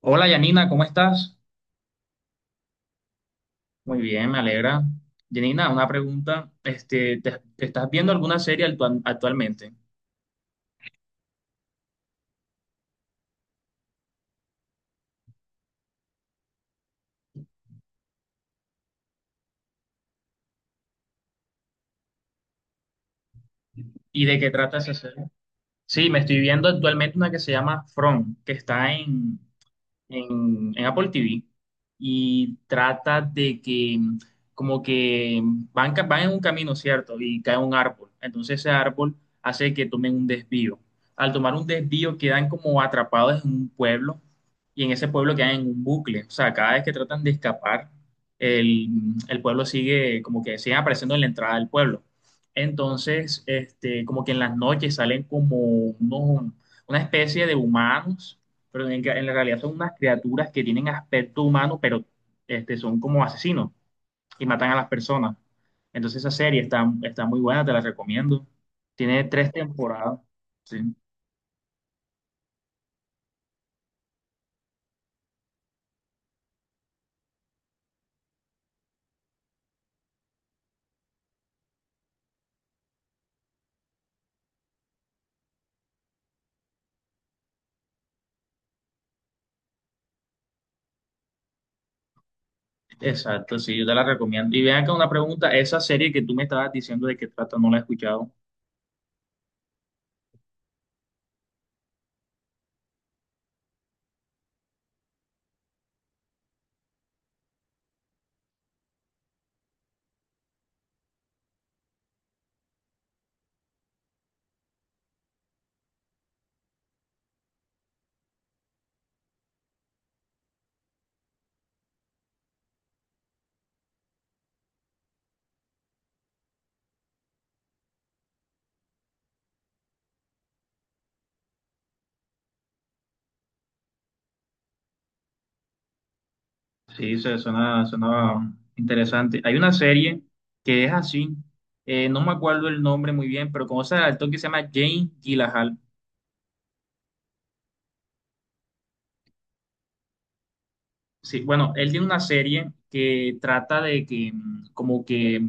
Hola, Yanina, ¿cómo estás? Muy bien, me alegra. Yanina, una pregunta. ¿Te estás viendo alguna serie actualmente? ¿Y de qué trata esa serie? Sí, me estoy viendo actualmente una que se llama From, que está en Apple TV y trata de que como que van en un camino, ¿cierto? Y cae un árbol. Entonces ese árbol hace que tomen un desvío. Al tomar un desvío quedan como atrapados en un pueblo y en ese pueblo quedan en un bucle. O sea, cada vez que tratan de escapar, el pueblo sigue como que siguen apareciendo en la entrada del pueblo. Entonces, como que en las noches salen como unos, una especie de humanos, pero en la realidad son unas criaturas que tienen aspecto humano, pero son como asesinos y matan a las personas. Entonces esa serie está muy buena, te la recomiendo. Tiene tres temporadas. Sí, exacto, sí, yo te la recomiendo. Y vean acá una pregunta, esa serie que tú me estabas diciendo de qué trata, no la he escuchado. Sí, se suena, suena interesante. Hay una serie que es así, no me acuerdo el nombre muy bien, pero conoces al actor que se llama Jane Gyllenhaal. Sí, bueno, él tiene una serie que trata de que como que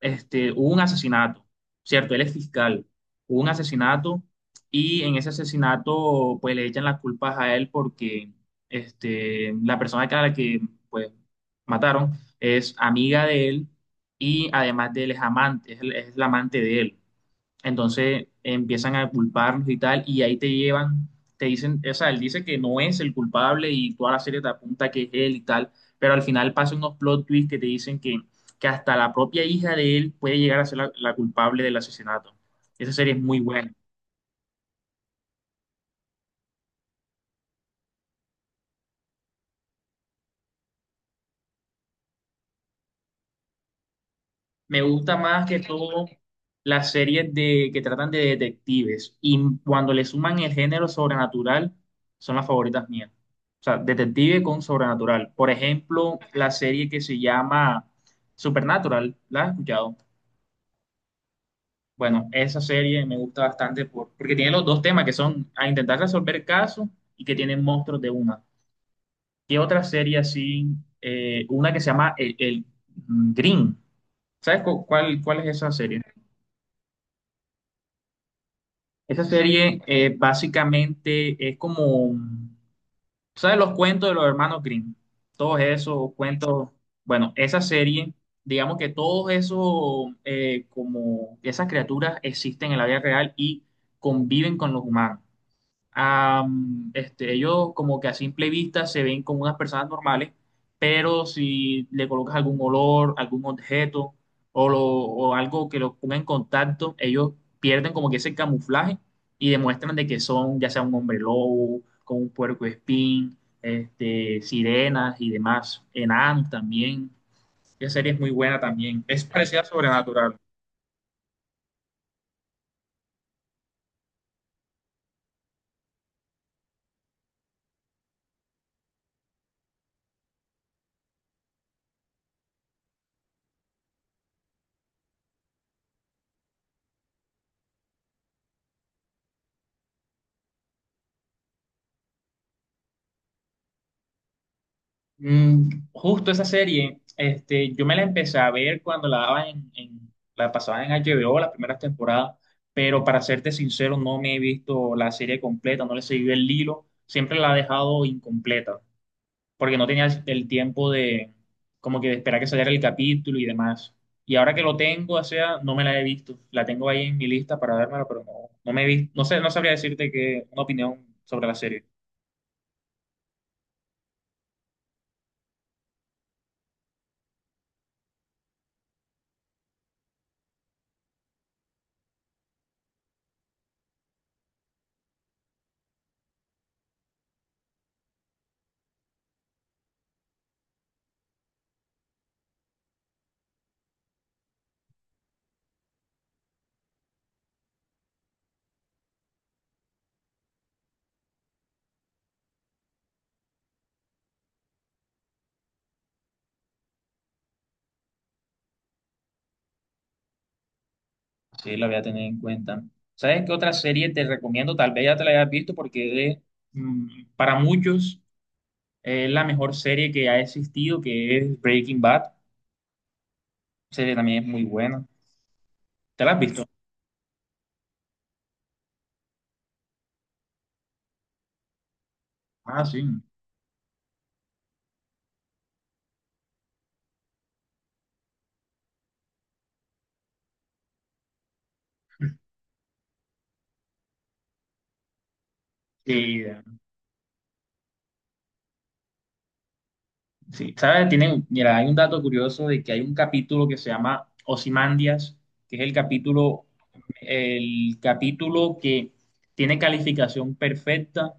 hubo un asesinato, ¿cierto? Él es fiscal, hubo un asesinato y en ese asesinato pues le echan las culpas a él porque la persona a la que pues mataron es amiga de él y además de él es amante, es la amante de él. Entonces empiezan a culparnos y tal, y ahí te llevan, te dicen, o sea, él dice que no es el culpable y toda la serie te apunta que es él y tal, pero al final pasan unos plot twists que te dicen que hasta la propia hija de él puede llegar a ser la culpable del asesinato. Esa serie es muy buena. Me gusta más que todo las series que tratan de detectives, y cuando le suman el género sobrenatural son las favoritas mías. O sea, detective con sobrenatural. Por ejemplo, la serie que se llama Supernatural, ¿la has escuchado? Bueno, esa serie me gusta bastante porque tiene los dos temas, que son a intentar resolver casos y que tienen monstruos de una. ¿Qué otra serie así? Una que se llama el Green. ¿Sabes cuál, cuál es esa serie? Esa serie básicamente es como, ¿sabes los cuentos de los hermanos Grimm? Todos esos cuentos, bueno, esa serie, digamos que todos esos, como esas criaturas existen en la vida real y conviven con los humanos, ellos como que a simple vista se ven como unas personas normales, pero si le colocas algún olor, algún objeto o algo que los ponga en contacto, ellos pierden como que ese camuflaje y demuestran de que son ya sea un hombre lobo, como un puercoespín, sirenas y demás, enanos también. Esa serie es muy buena también. Es parecida a Sobrenatural. Justo esa serie, yo me la empecé a ver cuando la daban la pasaban en HBO, las primeras temporadas, pero para serte sincero, no me he visto la serie completa, no le he seguido el hilo, siempre la he dejado incompleta, porque no tenía el tiempo de como que de esperar que saliera el capítulo y demás. Y ahora que lo tengo, o sea, no me la he visto, la tengo ahí en mi lista para vérmela, pero no, no me he visto, no sé, no sabría decirte que una opinión sobre la serie. Sí, la voy a tener en cuenta. ¿Sabes qué otra serie te recomiendo? Tal vez ya te la hayas visto porque mm, para muchos es la mejor serie que ha existido, que es Breaking Bad. La serie también es muy buena. ¿Te la has visto? Ah, sí. Sí, sí. ¿Sabes? Tienen, mira, hay un dato curioso de que hay un capítulo que se llama Ozymandias, que es el capítulo que tiene calificación perfecta.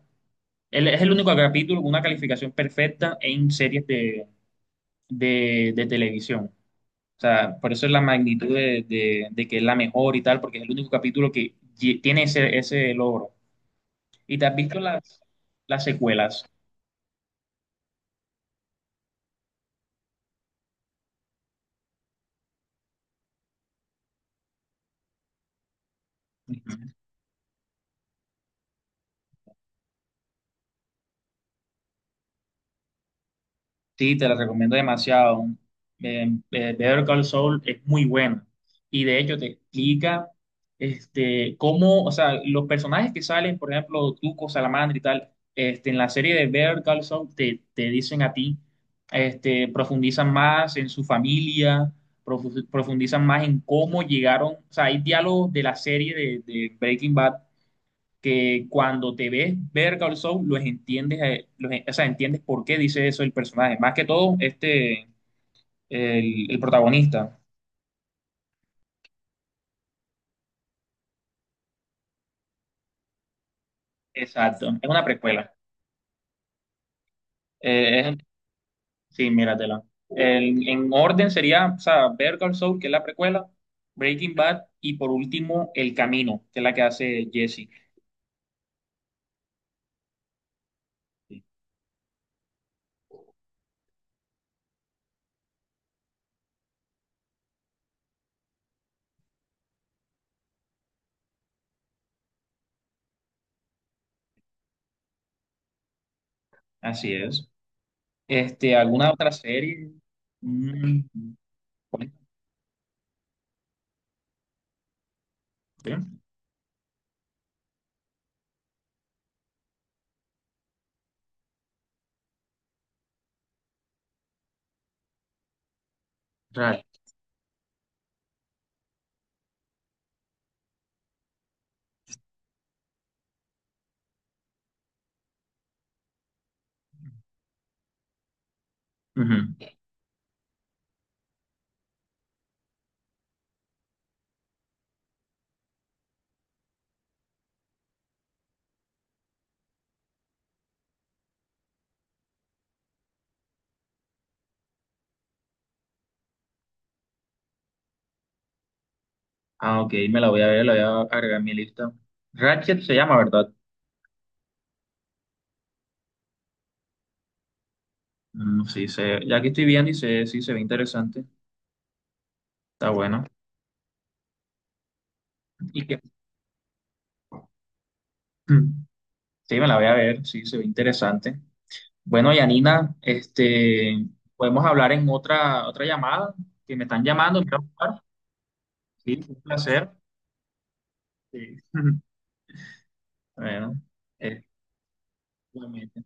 Él es el único capítulo con una calificación perfecta en series de televisión. O sea, por eso es la magnitud de que es la mejor y tal, porque es el único capítulo que tiene ese logro. ¿Y te has visto las secuelas? Ujú. Sí, te la recomiendo demasiado. Better Call Saul es muy buena. Y de hecho te explica cómo, o sea, los personajes que salen, por ejemplo, Tuco, Salamandra y tal, este, en la serie de Better Call Saul te dicen a ti, este, profundizan más en su familia, profundizan más en cómo llegaron, o sea, hay diálogos de la serie de Breaking Bad que cuando te ves ver Call Saul, los entiendes, o sea, entiendes por qué dice eso el personaje. Más que todo, el protagonista. Exacto, es una precuela. Eh, es- sí, míratela. En orden sería, o sea, Better Call Saul, que es la precuela, Breaking Bad, y por último, El Camino, que es la que hace Jesse. Sí, así es. Este, ¿alguna otra serie? Mm, ¿cuál? ¿Sí? Real. Ujú. Ah, ok, me la voy a ver, la voy a agregar a mi lista. Ratchet se llama, ¿verdad? Mm, sí, ya que estoy viendo y sí, se ve interesante. Está bueno. ¿Y qué? Mm, sí, me la voy a ver, sí, se ve interesante. Bueno, Yanina, podemos hablar en otra llamada, que me están llamando, me voy a ocupar. Sí, un placer. Sí. Bueno, eh,